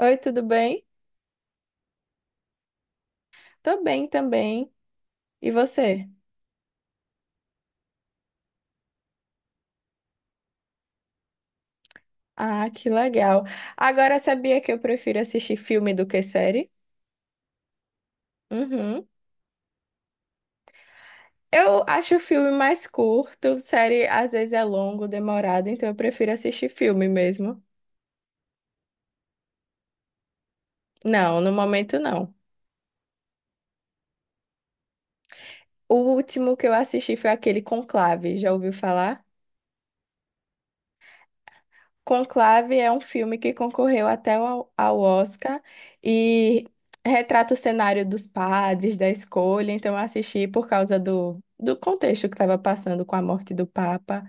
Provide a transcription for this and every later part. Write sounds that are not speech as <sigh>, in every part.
Oi, tudo bem? Tô bem também. E você? Ah, que legal. Agora sabia que eu prefiro assistir filme do que série? Uhum. Eu acho o filme mais curto, série às vezes é longo, demorado, então eu prefiro assistir filme mesmo. Não, no momento não. O último que eu assisti foi aquele Conclave, já ouviu falar? Conclave é um filme que concorreu até ao Oscar e retrata o cenário dos padres, da escolha. Então, eu assisti por causa do contexto que estava passando com a morte do Papa,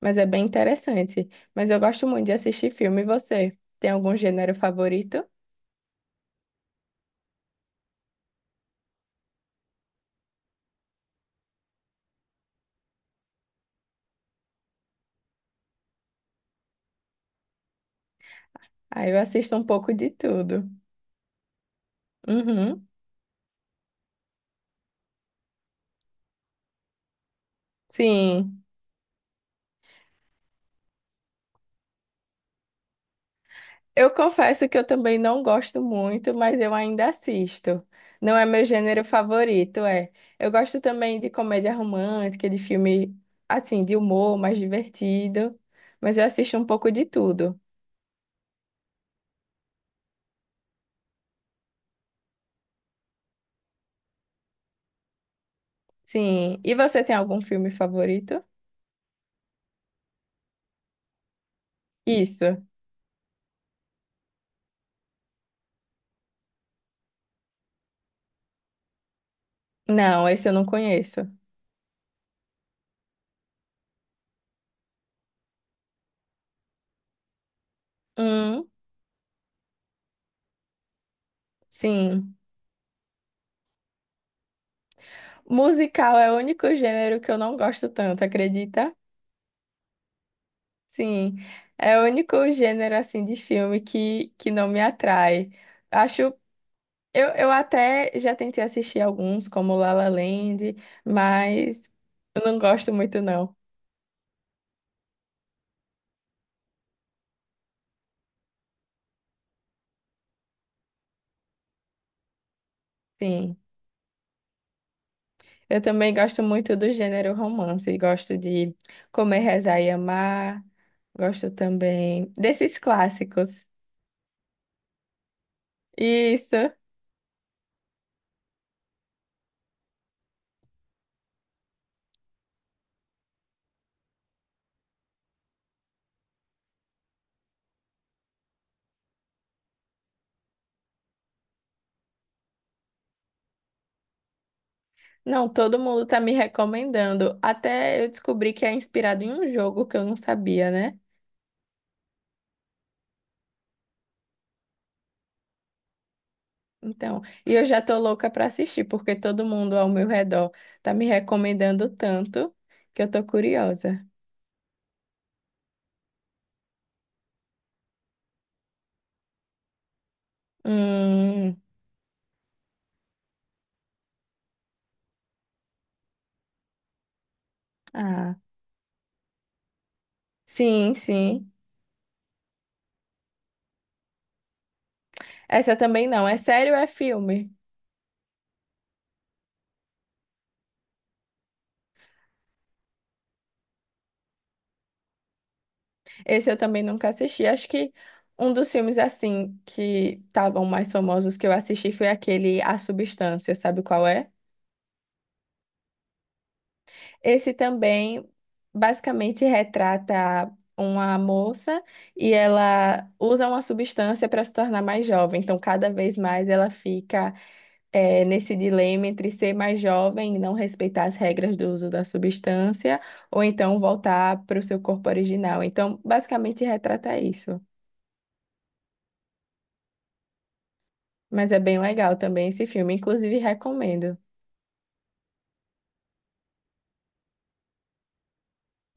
mas é bem interessante. Mas eu gosto muito de assistir filme. E você? Tem algum gênero favorito? Aí eu assisto um pouco de tudo. Uhum. Sim. Eu confesso que eu também não gosto muito, mas eu ainda assisto. Não é meu gênero favorito, é. Eu gosto também de comédia romântica, de filme assim, de humor mais divertido, mas eu assisto um pouco de tudo. Sim. E você tem algum filme favorito? Isso. Não, esse eu não conheço. Hum, sim. Musical é o único gênero que eu não gosto tanto, acredita? Sim. É o único gênero assim de filme que não me atrai. Acho. Eu até já tentei assistir alguns, como La La Land, mas eu não gosto muito, não. Sim. Eu também gosto muito do gênero romance. Gosto de Comer, Rezar e Amar. Gosto também desses clássicos. Isso. Não, todo mundo tá me recomendando. Até eu descobri que é inspirado em um jogo que eu não sabia, né? Então, e eu já tô louca pra assistir, porque todo mundo ao meu redor tá me recomendando tanto que eu tô curiosa. Hum, ah, sim, sim. Essa também não. É sério, é filme. Esse eu também nunca assisti. Acho que um dos filmes assim que estavam mais famosos que eu assisti foi aquele A Substância, sabe qual é? Esse também basicamente retrata uma moça e ela usa uma substância para se tornar mais jovem. Então, cada vez mais ela fica, nesse dilema entre ser mais jovem e não respeitar as regras do uso da substância, ou então voltar para o seu corpo original. Então, basicamente, retrata isso. Mas é bem legal também esse filme, inclusive recomendo.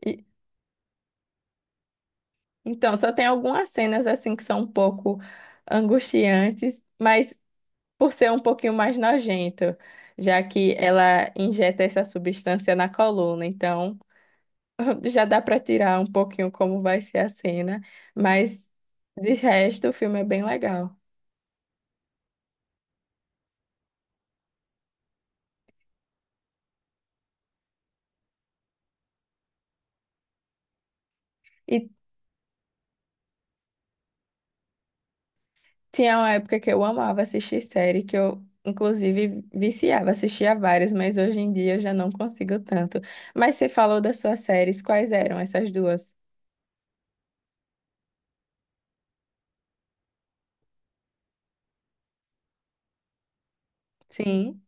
E- então, só tem algumas cenas assim que são um pouco angustiantes, mas por ser um pouquinho mais nojento, já que ela injeta essa substância na coluna, então. <laughs> Já dá para tirar um pouquinho como vai ser a cena, mas de resto o filme é bem legal. E tinha uma época que eu amava assistir série, que eu inclusive viciava, assistia várias, mas hoje em dia eu já não consigo tanto. Mas você falou das suas séries, quais eram essas duas? Sim.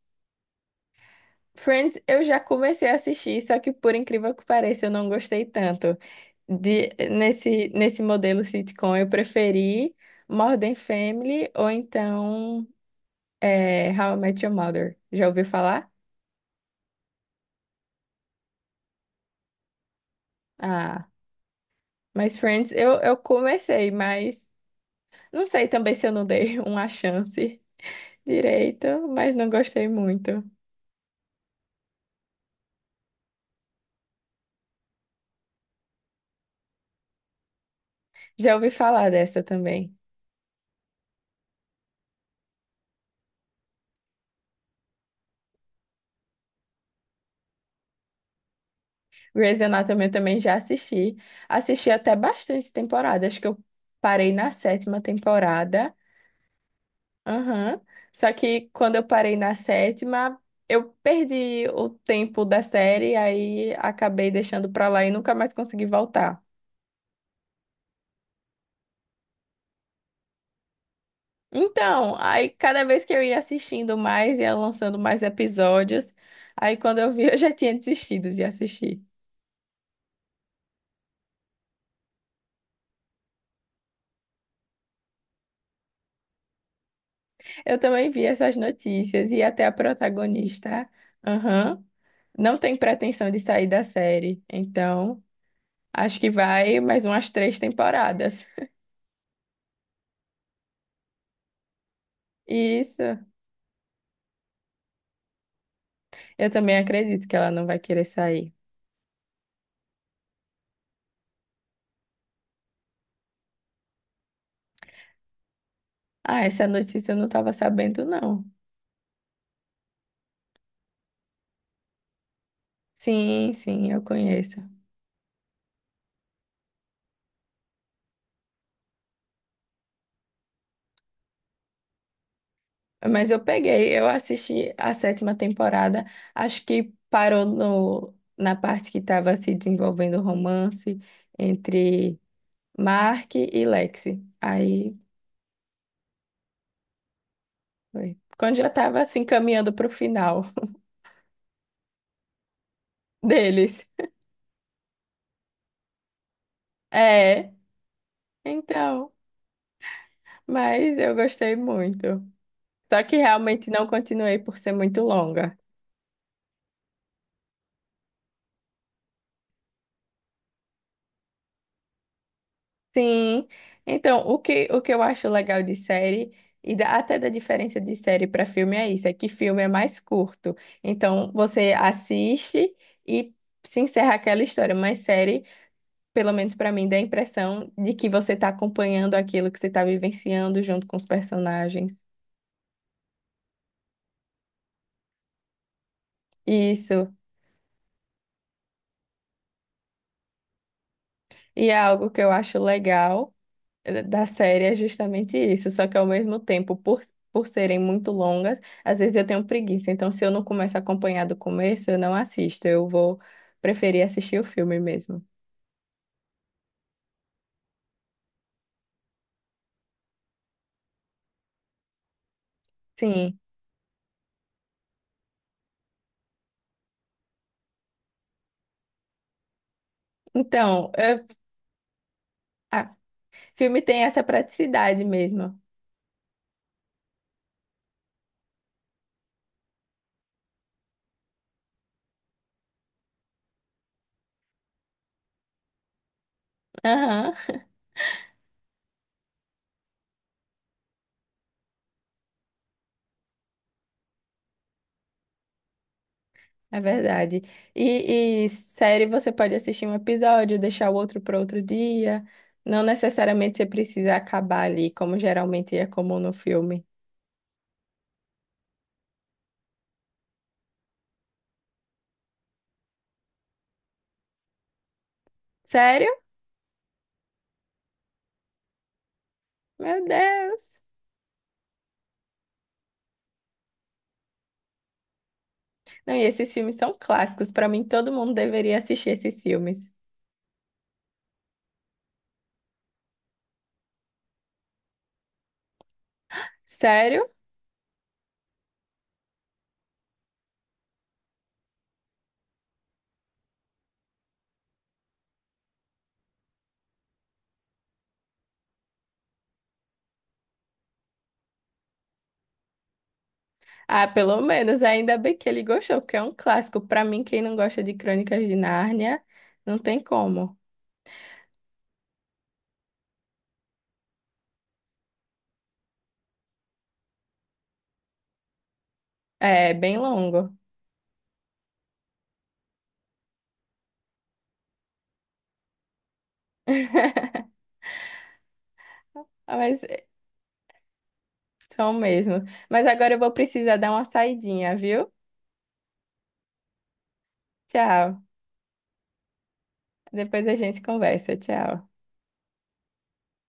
Friends, eu já comecei a assistir, só que por incrível que pareça, eu não gostei tanto. De, nesse modelo sitcom, eu preferi Modern Family ou então, é, How I Met Your Mother. Já ouviu falar? Ah, mas Friends, eu comecei, mas não sei também se eu não dei <laughs> uma chance direito, mas não gostei muito. Já ouvi falar dessa também. Grey's Anatomy eu também já assisti. Assisti até bastante temporada, acho que eu parei na sétima temporada. Aham. Só que quando eu parei na sétima, eu perdi o tempo da série, aí acabei deixando pra lá e nunca mais consegui voltar. Então, aí cada vez que eu ia assistindo mais, ia lançando mais episódios. Aí quando eu vi, <laughs> eu já tinha desistido de assistir. Eu também vi essas notícias e até a protagonista, aham, não tem pretensão de sair da série. Então, acho que vai mais umas três temporadas. Isso, eu também acredito que ela não vai querer sair. Ah, essa notícia eu não estava sabendo, não. Sim, sim, eu conheço. Mas eu peguei, eu assisti a sétima temporada, acho que parou no, na parte que estava se desenvolvendo o romance entre Mark e Lexi. Aí foi. Quando já estava assim caminhando para o final <laughs> deles. É, então, mas eu gostei muito. Só que realmente não continuei por ser muito longa. Sim. Então, o que eu acho legal de série, e até da diferença de série para filme é isso, é que filme é mais curto. Então, você assiste e se encerra aquela história, mas série, pelo menos para mim, dá a impressão de que você está acompanhando aquilo que você está vivenciando junto com os personagens. Isso. E é algo que eu acho legal da série é justamente isso, só que ao mesmo tempo, por serem muito longas, às vezes eu tenho preguiça. Então, se eu não começo a acompanhar do começo, eu não assisto. Eu vou preferir assistir o filme mesmo. Sim. Então, eu- ah, filme tem essa praticidade mesmo. Aham, é verdade. E série você pode assistir um episódio, deixar o outro para outro dia. Não necessariamente você precisa acabar ali, como geralmente é comum no filme. Sério? Meu Deus! Não, e esses filmes são clássicos. Pra mim, todo mundo deveria assistir esses filmes. Sério? Ah, pelo menos ainda bem que ele gostou, porque é um clássico. Pra mim, quem não gosta de Crônicas de Nárnia, não tem como. É bem longo. <laughs> Ah, mas é, são mesmo. Mas agora eu vou precisar dar uma saidinha, viu? Tchau. Depois a gente conversa. Tchau.